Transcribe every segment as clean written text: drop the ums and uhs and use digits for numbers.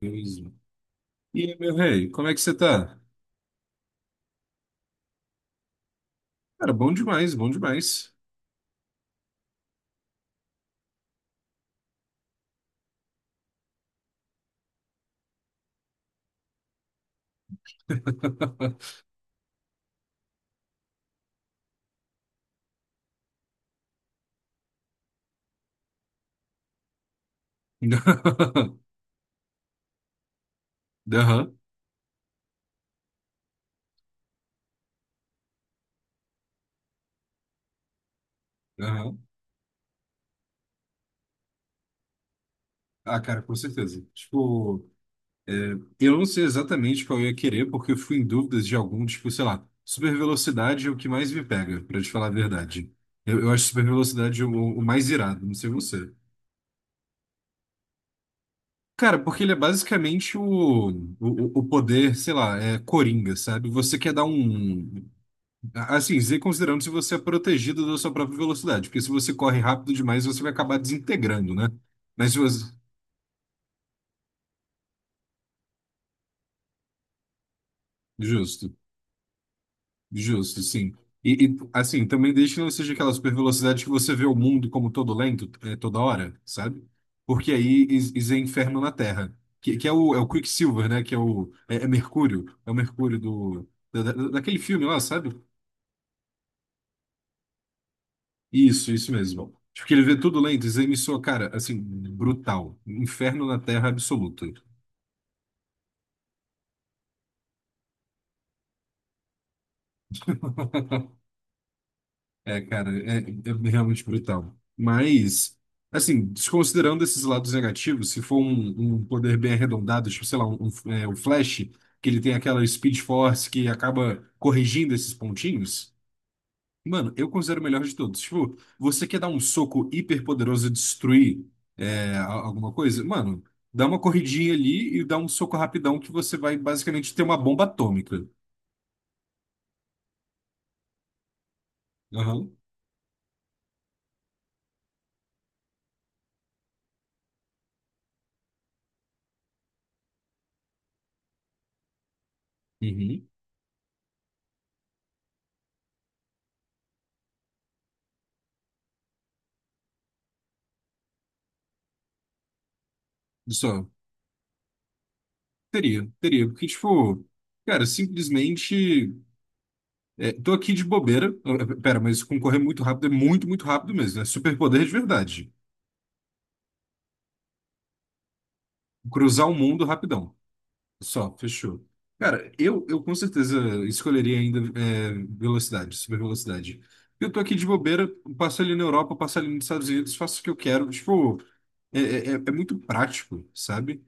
Beleza. E aí, meu rei, como é que você tá? Cara, bom demais, bom demais. Aham, aham. Ah, cara, com certeza. Tipo, eu não sei exatamente qual eu ia querer, porque eu fui em dúvidas de algum, tipo, sei lá, super velocidade é o que mais me pega, pra te falar a verdade. Eu acho super velocidade o mais irado, não sei você. Cara, porque ele é basicamente o poder, sei lá, é coringa, sabe? Você quer dar um. Assim, Z considerando se você é protegido da sua própria velocidade, porque se você corre rápido demais, você vai acabar desintegrando, né? Mas se você... Justo, justo, sim. E, assim, também desde que não seja aquela super velocidade que você vê o mundo como todo lento, é, toda hora, sabe? Porque aí is- is é inferno na Terra, que é o, é o Quicksilver, né? Que é o... É, é Mercúrio, é o Mercúrio do... daquele filme lá, sabe? Isso mesmo. Tipo, que ele vê tudo lento, Zé me soa, cara, assim, brutal. Inferno na Terra absoluto. É, cara, é, é realmente brutal. Mas, assim, desconsiderando esses lados negativos, se for um, um poder bem arredondado, tipo, sei lá, um, é, o Flash, que ele tem aquela Speed Force que acaba corrigindo esses pontinhos, mano, eu considero o melhor de todos. Tipo, você quer dar um soco hiper poderoso e destruir é, alguma coisa? Mano, dá uma corridinha ali e dá um soco rapidão que você vai basicamente ter uma bomba atômica. Aham. Uhum. Só. Teria, teria, porque, tipo, cara, simplesmente. É, tô aqui de bobeira. Eh, pera, mas concorrer muito rápido é muito, muito rápido mesmo. É superpoder de verdade. Cruzar o mundo rapidão. Só, fechou. Cara, eu com certeza escolheria ainda é, velocidade, super velocidade. Eu tô aqui de bobeira, passo ali na Europa, passo ali nos Estados Unidos, faço o que eu quero. Tipo, é, é, é muito prático, sabe?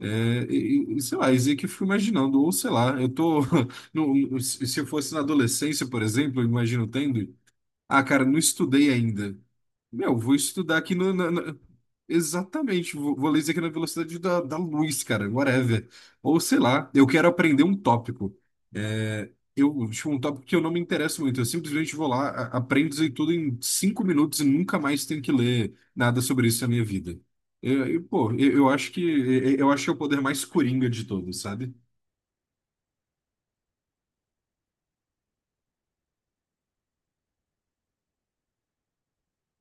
É, e, sei lá, isso aí que eu fico imaginando, ou sei lá, eu tô. Se eu fosse na adolescência, por exemplo, eu imagino tendo. Ah, cara, não estudei ainda. Meu, vou estudar aqui no. Exatamente, vou, vou ler isso aqui na velocidade da luz, cara, whatever. Ou sei lá, eu quero aprender um tópico. É, eu, tipo, um tópico que eu não me interesso muito. Eu simplesmente vou lá, aprendo isso aí tudo em 5 minutos e nunca mais tenho que ler nada sobre isso na minha vida. Pô, eu, eu acho que é o poder mais coringa de todos, sabe?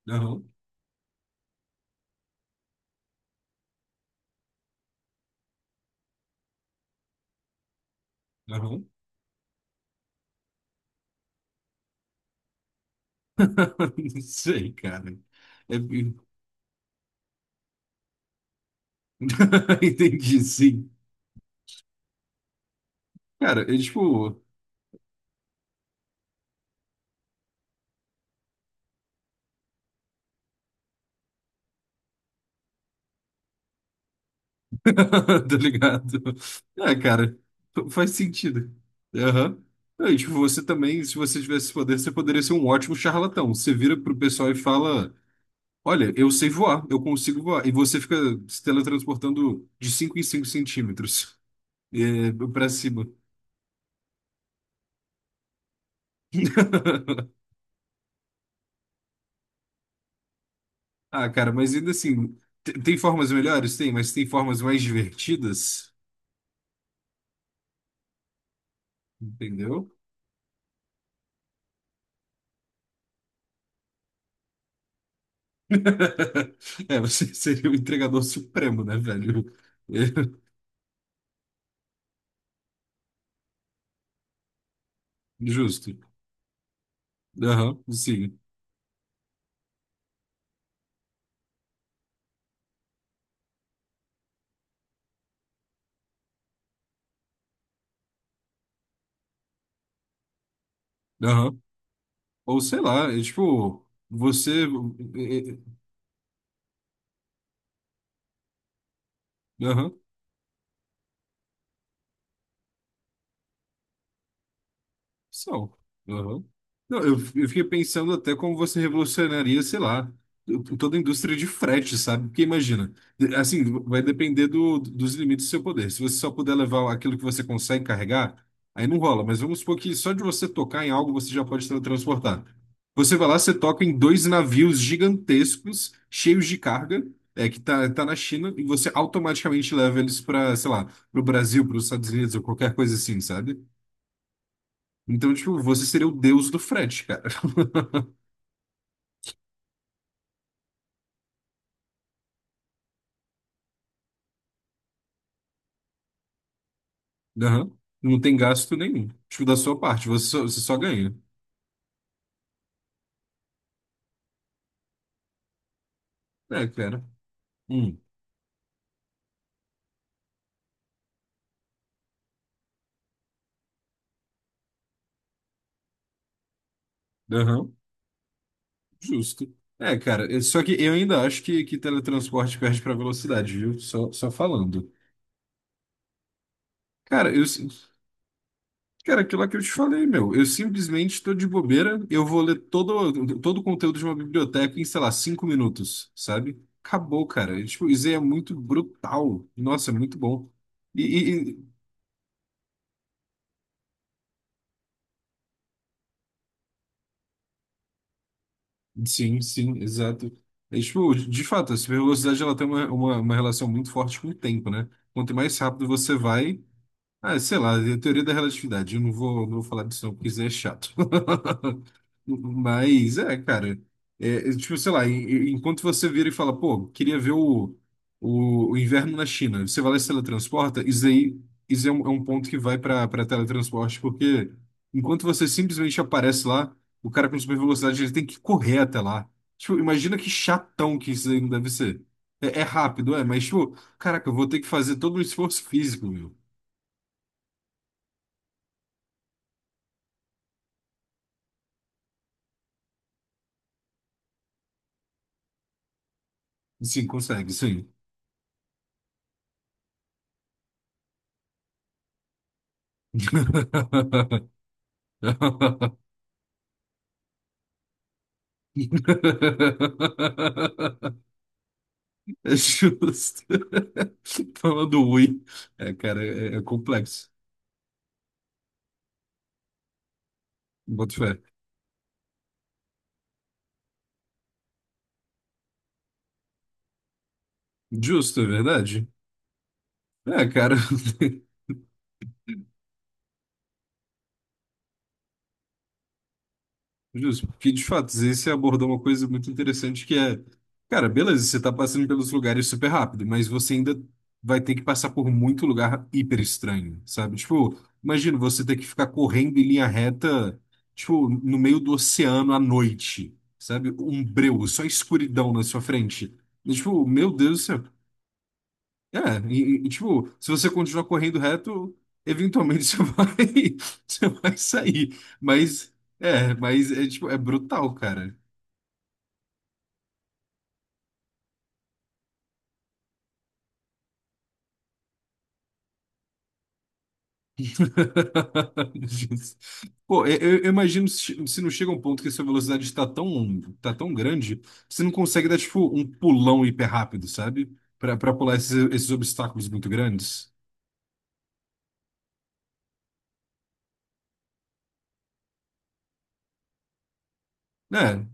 Aham, aham. Não sei, cara. É- entendi, sim. Cara, eu, tipo, tá ligado? É, cara, faz sentido. Aham. É, e, tipo, você também, se você tivesse esse poder, você poderia ser um ótimo charlatão. Você vira pro pessoal e fala: Olha, eu sei voar, eu consigo voar. E você fica se teletransportando de 5 em 5 centímetros, é, pra cima. Ah, cara, mas ainda assim, tem formas melhores? Tem, mas tem formas mais divertidas, entendeu? É, você seria o entregador supremo, né, velho? Justo. Aham, sim. Aham. Ou sei lá, é tipo, você. Eh, eh, aham. São. Aham. Não, eu fiquei pensando até como você revolucionaria, sei lá, toda a indústria de frete, sabe? Porque imagina, assim, vai depender do, dos limites do seu poder. Se você só puder levar aquilo que você consegue carregar, aí não rola. Mas vamos supor que só de você tocar em algo você já pode transportar. Você vai lá, você toca em dois navios gigantescos, cheios de carga, é, que tá, tá na China, e você automaticamente leva eles para, sei lá, para o Brasil, para os Estados Unidos ou qualquer coisa assim, sabe? Então, tipo, você seria o deus do frete, cara. Aham. Não tem gasto nenhum. Tipo, da sua parte, você só ganha. É, cara. Hum. Aham. Justo. É, cara, é- só que eu ainda acho que teletransporte perde pra velocidade, viu? Só, só falando. Cara, eu. Sim- cara, aquilo lá que eu te falei, meu. Eu simplesmente tô de bobeira, eu vou ler todo, todo o conteúdo de uma biblioteca em, sei lá, 5 minutos, sabe? Acabou, cara. Tipo, isso aí é muito brutal. Nossa, é muito bom. E, sim, sim, exato. É, tipo, de fato, a velocidade ela tem uma relação muito forte com o tempo, né? Quanto mais rápido você vai, ah, sei lá, é a teoria da relatividade. Eu não vou, não vou falar disso não, porque isso é chato. Mas, é, cara. É, é, tipo, sei lá, enquanto você vira e fala, pô, queria ver o inverno na China, você vai lá e se teletransporta, isso aí, isso é um ponto que vai para teletransporte, porque enquanto você simplesmente aparece lá, o cara com super velocidade, ele tem que correr até lá. Tipo, imagina que chatão que isso aí não deve ser. É, é rápido, é, mas, tipo, caraca, eu vou ter que fazer todo um esforço físico, meu. Sim, consegue, sim. É justo. Falando ruim. É, cara, é, é complexo. Boto fé. Justo, é verdade? É, cara. Justo, porque de fato, você abordou uma coisa muito interessante que é, cara, beleza, você tá passando pelos lugares super rápido, mas você ainda vai ter que passar por muito lugar hiper estranho, sabe? Tipo, imagina você ter que ficar correndo em linha reta, tipo, no meio do oceano à noite, sabe? Um breu, só escuridão na sua frente. E, tipo, meu Deus do céu, é, e, tipo, se você continuar correndo reto, eventualmente você vai sair. Mas é, tipo, é brutal, cara. Pô, eu imagino se, se não chega um ponto que a sua velocidade está tão, tá tão grande, que você não consegue dar, tipo, um pulão hiper rápido, sabe? Pra, pra pular esses, esses obstáculos muito grandes. É,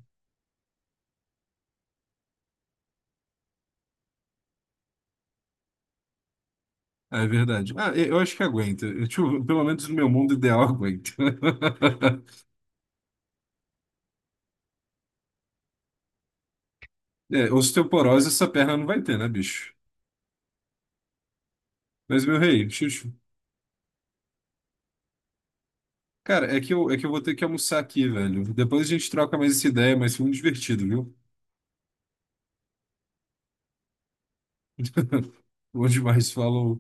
é verdade. Ah, eu acho que aguenta. Eu, tipo, pelo menos no meu mundo ideal, aguenta. É, osteoporose essa perna não vai ter, né, bicho? Mas, meu rei, Xuxu, cara, é que eu vou ter que almoçar aqui, velho. Depois a gente troca mais essa ideia, mas foi muito divertido, viu? Bom demais, falou.